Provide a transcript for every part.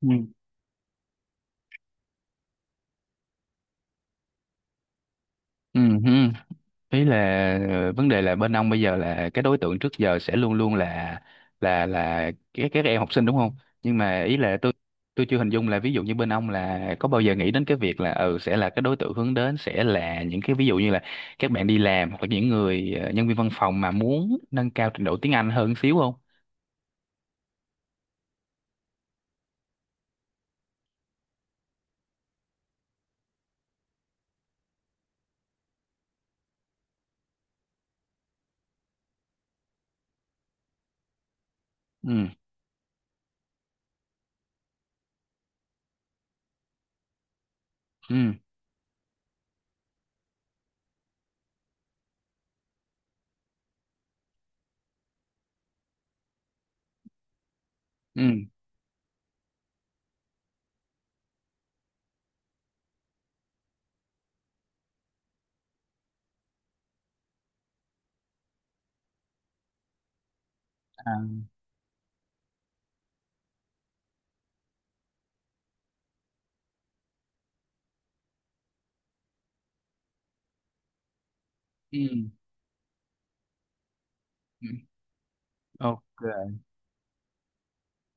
Ừ. Ừ, hứ. Ý là vấn đề là bên ông bây giờ là cái đối tượng trước giờ sẽ luôn luôn là các em học sinh, đúng không? Nhưng mà ý là tôi chưa hình dung là ví dụ như bên ông là có bao giờ nghĩ đến cái việc là sẽ là cái đối tượng hướng đến sẽ là những cái ví dụ như là các bạn đi làm hoặc là những người nhân viên văn phòng mà muốn nâng cao trình độ tiếng Anh hơn xíu không? Ừ. Ừ. Ừ. À. Ừ. Ừ. Ok.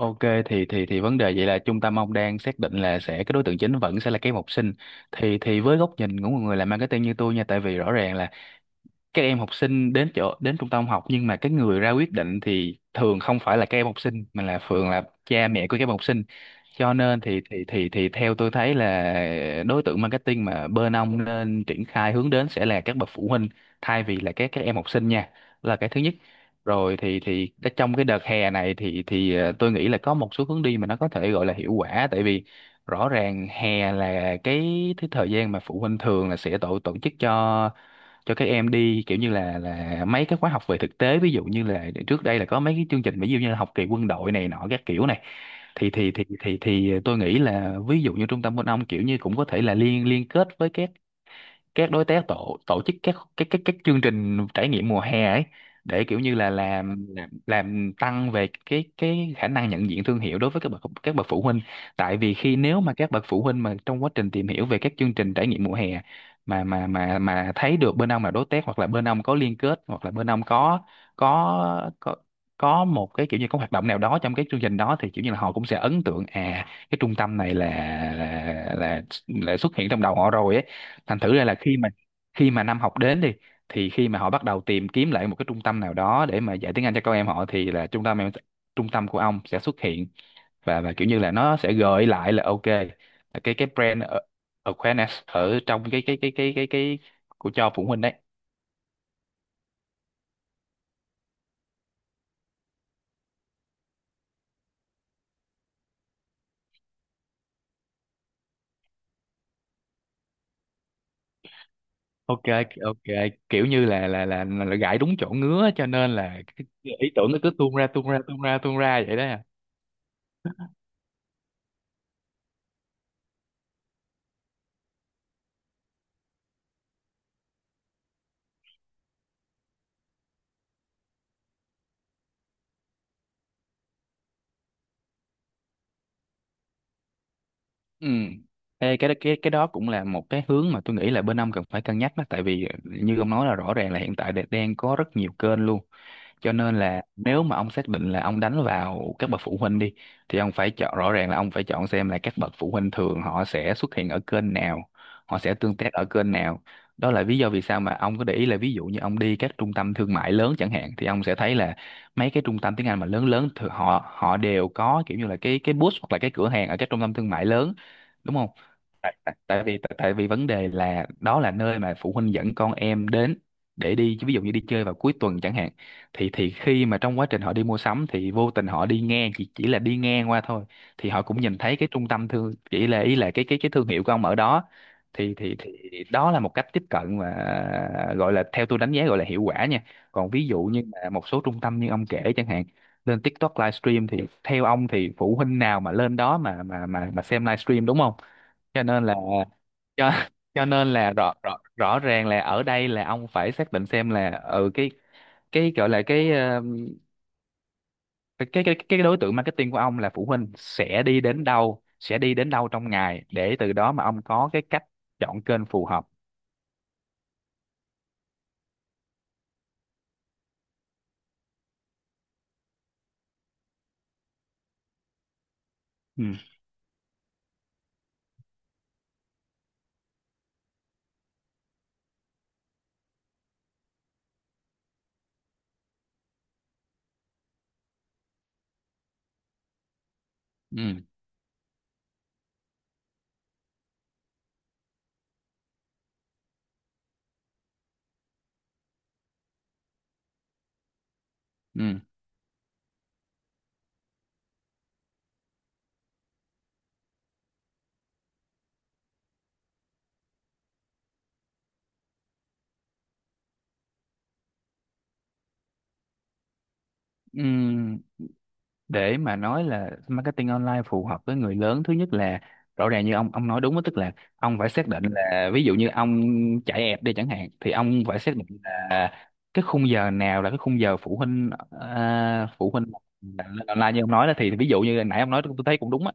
Ok, thì vấn đề vậy là trung tâm ông đang xác định là sẽ cái đối tượng chính vẫn sẽ là các em học sinh. Thì với góc nhìn của một người làm marketing như tôi nha, tại vì rõ ràng là các em học sinh đến chỗ đến trung tâm học, nhưng mà cái người ra quyết định thì thường không phải là các em học sinh mà là thường là cha mẹ của các em học sinh. Cho nên thì theo tôi thấy là đối tượng marketing mà bên ông nên triển khai hướng đến sẽ là các bậc phụ huynh, thay vì là các em học sinh nha, là cái thứ nhất. Rồi trong cái đợt hè này thì tôi nghĩ là có một số hướng đi mà nó có thể gọi là hiệu quả, tại vì rõ ràng hè là cái thời gian mà phụ huynh thường là sẽ tổ tổ chức cho các em đi kiểu như là mấy cái khóa học về thực tế, ví dụ như là trước đây là có mấy cái chương trình ví dụ như là học kỳ quân đội này nọ các kiểu này. Thì tôi nghĩ là ví dụ như trung tâm bên ông kiểu như cũng có thể là liên liên kết với các đối tác tổ tổ chức các chương trình trải nghiệm mùa hè ấy, để kiểu như là làm tăng về cái khả năng nhận diện thương hiệu đối với các bậc phụ huynh. Tại vì khi nếu mà các bậc phụ huynh mà trong quá trình tìm hiểu về các chương trình trải nghiệm mùa hè mà thấy được bên ông là đối tác, hoặc là bên ông có liên kết, hoặc là bên ông có có có một cái kiểu như có hoạt động nào đó trong cái chương trình đó, thì kiểu như là họ cũng sẽ ấn tượng, à cái trung tâm này là là là, là xuất hiện trong đầu họ rồi ấy. Thành thử ra là khi mà năm học đến đi, thì khi mà họ bắt đầu tìm kiếm lại một cái trung tâm nào đó để mà dạy tiếng Anh cho con em họ, thì là trung tâm của ông sẽ xuất hiện. Và kiểu như là nó sẽ gợi lại là ok, là cái brand awareness ở trong cái của cho phụ huynh đấy. Ok. Ok. Kiểu như là là gãi đúng chỗ ngứa, cho nên là cái ý tưởng nó cứ tuôn ra tuôn ra tuôn ra tuôn ra vậy đó. Ừ. Ê, cái đó cũng là một cái hướng mà tôi nghĩ là bên ông cần phải cân nhắc đó, tại vì như ông nói là rõ ràng là hiện tại đang có rất nhiều kênh luôn. Cho nên là nếu mà ông xác định là ông đánh vào các bậc phụ huynh đi, thì ông phải chọn, rõ ràng là ông phải chọn xem là các bậc phụ huynh thường họ sẽ xuất hiện ở kênh nào, họ sẽ tương tác ở kênh nào. Đó là lý do vì sao mà ông có để ý là ví dụ như ông đi các trung tâm thương mại lớn chẳng hạn, thì ông sẽ thấy là mấy cái trung tâm tiếng Anh mà lớn lớn thì họ họ đều có kiểu như là cái booth hoặc là cái cửa hàng ở các trung tâm thương mại lớn, đúng không? Tại tại, tại vì vấn đề là đó là nơi mà phụ huynh dẫn con em đến, để đi ví dụ như đi chơi vào cuối tuần chẳng hạn. Thì khi mà trong quá trình họ đi mua sắm thì vô tình họ đi ngang, chỉ là đi ngang qua thôi, thì họ cũng nhìn thấy cái trung tâm thương, chỉ là ý là cái thương hiệu của ông ở đó. Thì đó là một cách tiếp cận mà gọi là theo tôi đánh giá gọi là hiệu quả nha. Còn ví dụ như là một số trung tâm như ông kể chẳng hạn, lên TikTok livestream, thì theo ông thì phụ huynh nào mà lên đó mà xem livestream, đúng không? Cho nên là cho cho nên là rõ rõ rõ ràng là ở đây là ông phải xác định xem là ừ cái gọi là cái đối tượng marketing của ông là phụ huynh sẽ đi đến đâu, trong ngày, để từ đó mà ông có cái cách chọn kênh phù hợp. Ừ. Ừ. Ừ. Ừ. Để mà nói là marketing online phù hợp với người lớn, thứ nhất là rõ ràng như ông nói đúng đó, tức là ông phải xác định là ví dụ như ông chạy app đi chẳng hạn, thì ông phải xác định là cái khung giờ nào là cái khung giờ phụ huynh, à, phụ huynh là lên online như ông nói đó. Thì ví dụ như nãy ông nói tôi thấy cũng đúng á,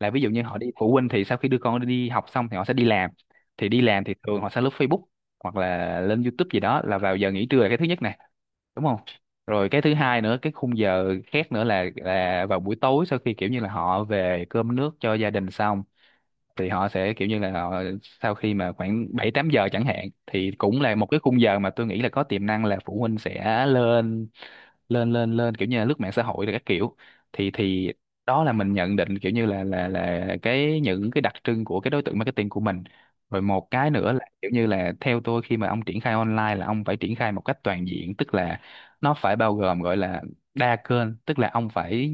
là ví dụ như họ đi, phụ huynh thì sau khi đưa con đi học xong thì họ sẽ đi làm. Thì đi làm thì thường họ sẽ lướt Facebook hoặc là lên YouTube gì đó là vào giờ nghỉ trưa, là cái thứ nhất nè, đúng không? Rồi cái thứ hai nữa, cái khung giờ khác nữa là vào buổi tối, sau khi kiểu như là họ về cơm nước cho gia đình xong, thì họ sẽ kiểu như là họ, sau khi mà khoảng 7-8 giờ chẳng hạn, thì cũng là một cái khung giờ mà tôi nghĩ là có tiềm năng là phụ huynh sẽ lên lên lên lên kiểu như là lướt mạng xã hội là các kiểu. Thì đó là mình nhận định kiểu như là cái những cái đặc trưng của cái đối tượng marketing của mình. Rồi một cái nữa là kiểu như là theo tôi khi mà ông triển khai online là ông phải triển khai một cách toàn diện, tức là nó phải bao gồm, gọi là đa kênh, tức là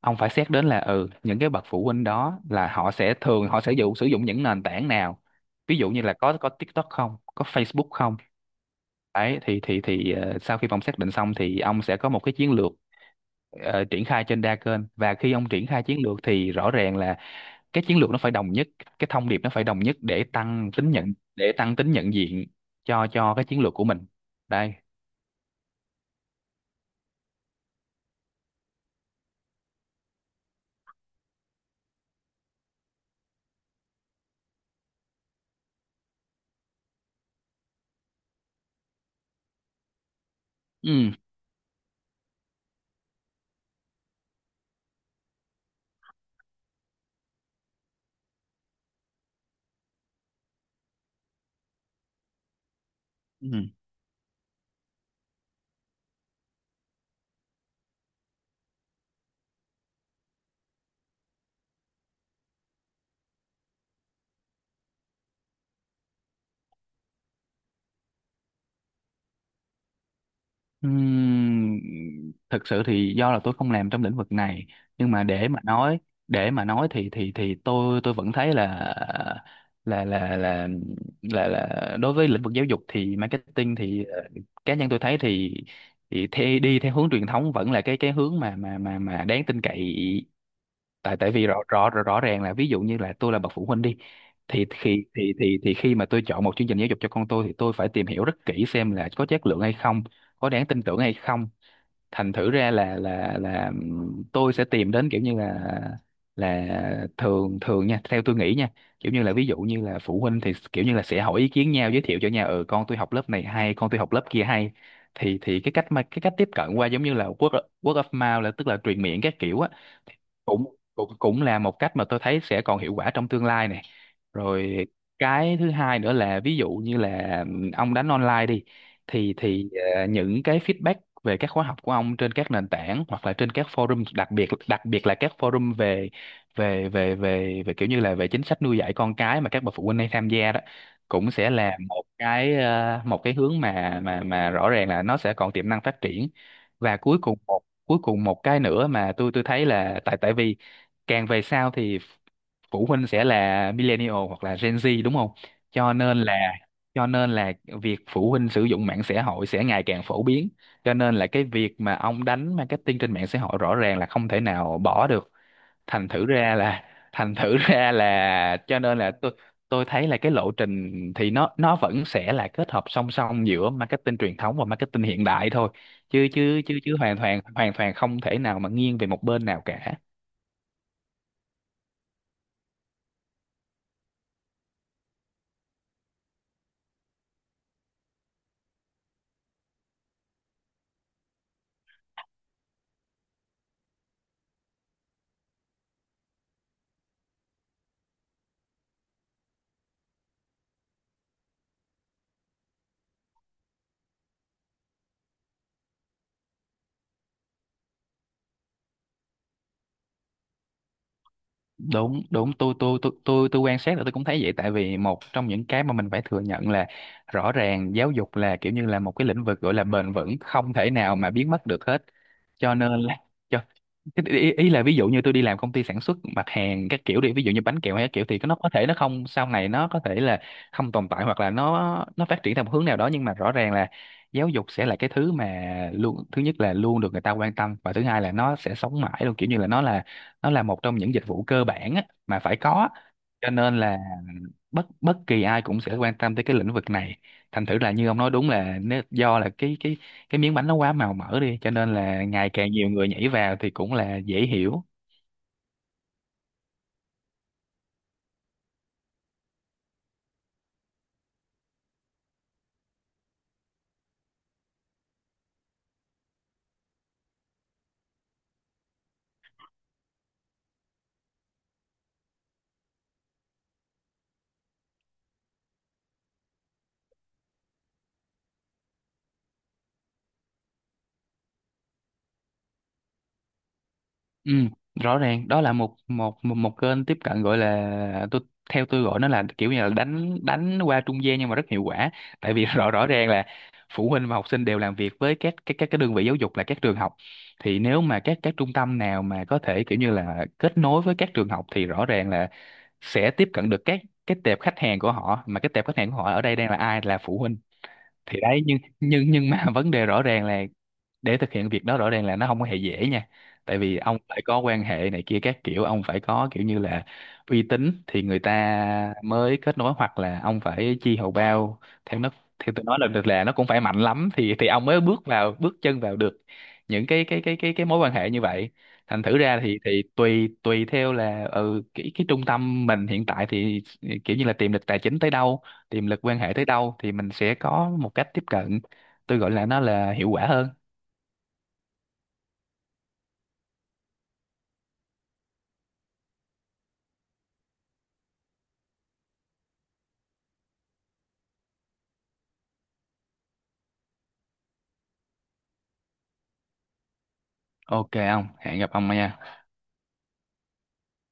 ông phải xét đến là ừ những cái bậc phụ huynh đó là họ sẽ thường họ sẽ dụ sử dụng những nền tảng nào, ví dụ như là có TikTok không, có Facebook không. Đấy thì sau khi ông xác định xong thì ông sẽ có một cái chiến lược, triển khai trên đa kênh. Và khi ông triển khai chiến lược thì rõ ràng là cái chiến lược nó phải đồng nhất, cái thông điệp nó phải đồng nhất, để tăng tính nhận diện cho cái chiến lược của mình. Đây. Ừ. Ừ. Ừm, Thực sự thì do là tôi không làm trong lĩnh vực này, nhưng mà để mà nói để mà nói thì tôi vẫn thấy là là là là đối với lĩnh vực giáo dục thì marketing thì cá nhân tôi thấy thì đi theo hướng truyền thống vẫn là cái hướng mà đáng tin cậy. Tại tại vì rõ ràng là, ví dụ như là tôi là bậc phụ huynh đi, thì khi mà tôi chọn một chương trình giáo dục cho con tôi thì tôi phải tìm hiểu rất kỹ xem là có chất lượng hay không, có đáng tin tưởng hay không. Thành thử ra là tôi sẽ tìm đến kiểu như là, thường thường nha, theo tôi nghĩ nha, kiểu như là ví dụ như là phụ huynh thì kiểu như là sẽ hỏi ý kiến nhau, giới thiệu cho nhau, ừ, con tôi học lớp này hay con tôi học lớp kia hay, thì cái cách mà cái cách tiếp cận qua giống như là word of mouth, là tức là truyền miệng các kiểu á, thì cũng cũng cũng là một cách mà tôi thấy sẽ còn hiệu quả trong tương lai này. Rồi cái thứ hai nữa là ví dụ như là ông đánh online đi, thì những cái feedback về các khóa học của ông trên các nền tảng hoặc là trên các forum, đặc biệt là các forum về về về về về kiểu như là về chính sách nuôi dạy con cái mà các bậc phụ huynh hay tham gia đó, cũng sẽ là một cái một cái hướng mà rõ ràng là nó sẽ còn tiềm năng phát triển. Và cuối cùng một cái nữa mà tôi thấy là, tại tại vì càng về sau thì phụ huynh sẽ là millennial hoặc là Gen Z đúng không? Cho nên là cho nên là việc phụ huynh sử dụng mạng xã hội sẽ ngày càng phổ biến. Cho nên là cái việc mà ông đánh marketing trên mạng xã hội rõ ràng là không thể nào bỏ được. Thành thử ra là thành thử ra là cho nên là tôi thấy là cái lộ trình thì nó vẫn sẽ là kết hợp song song giữa marketing truyền thống và marketing hiện đại thôi. Chứ chứ chứ chứ hoàn toàn không thể nào mà nghiêng về một bên nào cả. Đúng đúng, tôi quan sát là tôi cũng thấy vậy, tại vì một trong những cái mà mình phải thừa nhận là rõ ràng giáo dục là kiểu như là một cái lĩnh vực gọi là bền vững, không thể nào mà biến mất được hết, cho nên là cho cái ý là ví dụ như tôi đi làm công ty sản xuất mặt hàng các kiểu đi, ví dụ như bánh kẹo hay các kiểu, thì nó có thể nó không sau này nó có thể là không tồn tại hoặc là nó phát triển theo một hướng nào đó, nhưng mà rõ ràng là giáo dục sẽ là cái thứ mà luôn, thứ nhất là luôn được người ta quan tâm, và thứ hai là nó sẽ sống mãi luôn, kiểu như là nó là nó là một trong những dịch vụ cơ bản á, mà phải có á. Cho nên là bất bất kỳ ai cũng sẽ quan tâm tới cái lĩnh vực này. Thành thử là như ông nói đúng là nếu, do là cái cái miếng bánh nó quá màu mỡ đi cho nên là ngày càng nhiều người nhảy vào thì cũng là dễ hiểu. Ừ, rõ ràng đó là một kênh tiếp cận gọi là tôi, theo tôi gọi nó là kiểu như là đánh đánh qua trung gian nhưng mà rất hiệu quả, tại vì rõ rõ ràng là phụ huynh và học sinh đều làm việc với các cái đơn vị giáo dục là các trường học, thì nếu mà các trung tâm nào mà có thể kiểu như là kết nối với các trường học thì rõ ràng là sẽ tiếp cận được các cái tệp khách hàng của họ, mà cái tệp khách hàng của họ ở đây đang là ai, là phụ huynh. Thì đấy, nhưng mà vấn đề rõ ràng là để thực hiện việc đó rõ ràng là nó không có hề dễ nha, tại vì ông phải có quan hệ này kia các kiểu, ông phải có kiểu như là uy tín thì người ta mới kết nối, hoặc là ông phải chi hầu bao theo nó, theo tôi nói là được là nó cũng phải mạnh lắm thì ông mới bước vào bước chân vào được những cái mối quan hệ như vậy. Thành thử ra thì tùy tùy theo là cái trung tâm mình hiện tại thì kiểu như là tiềm lực tài chính tới đâu, tiềm lực quan hệ tới đâu thì mình sẽ có một cách tiếp cận tôi gọi là nó là hiệu quả hơn. Ok ông, hẹn gặp ông nha.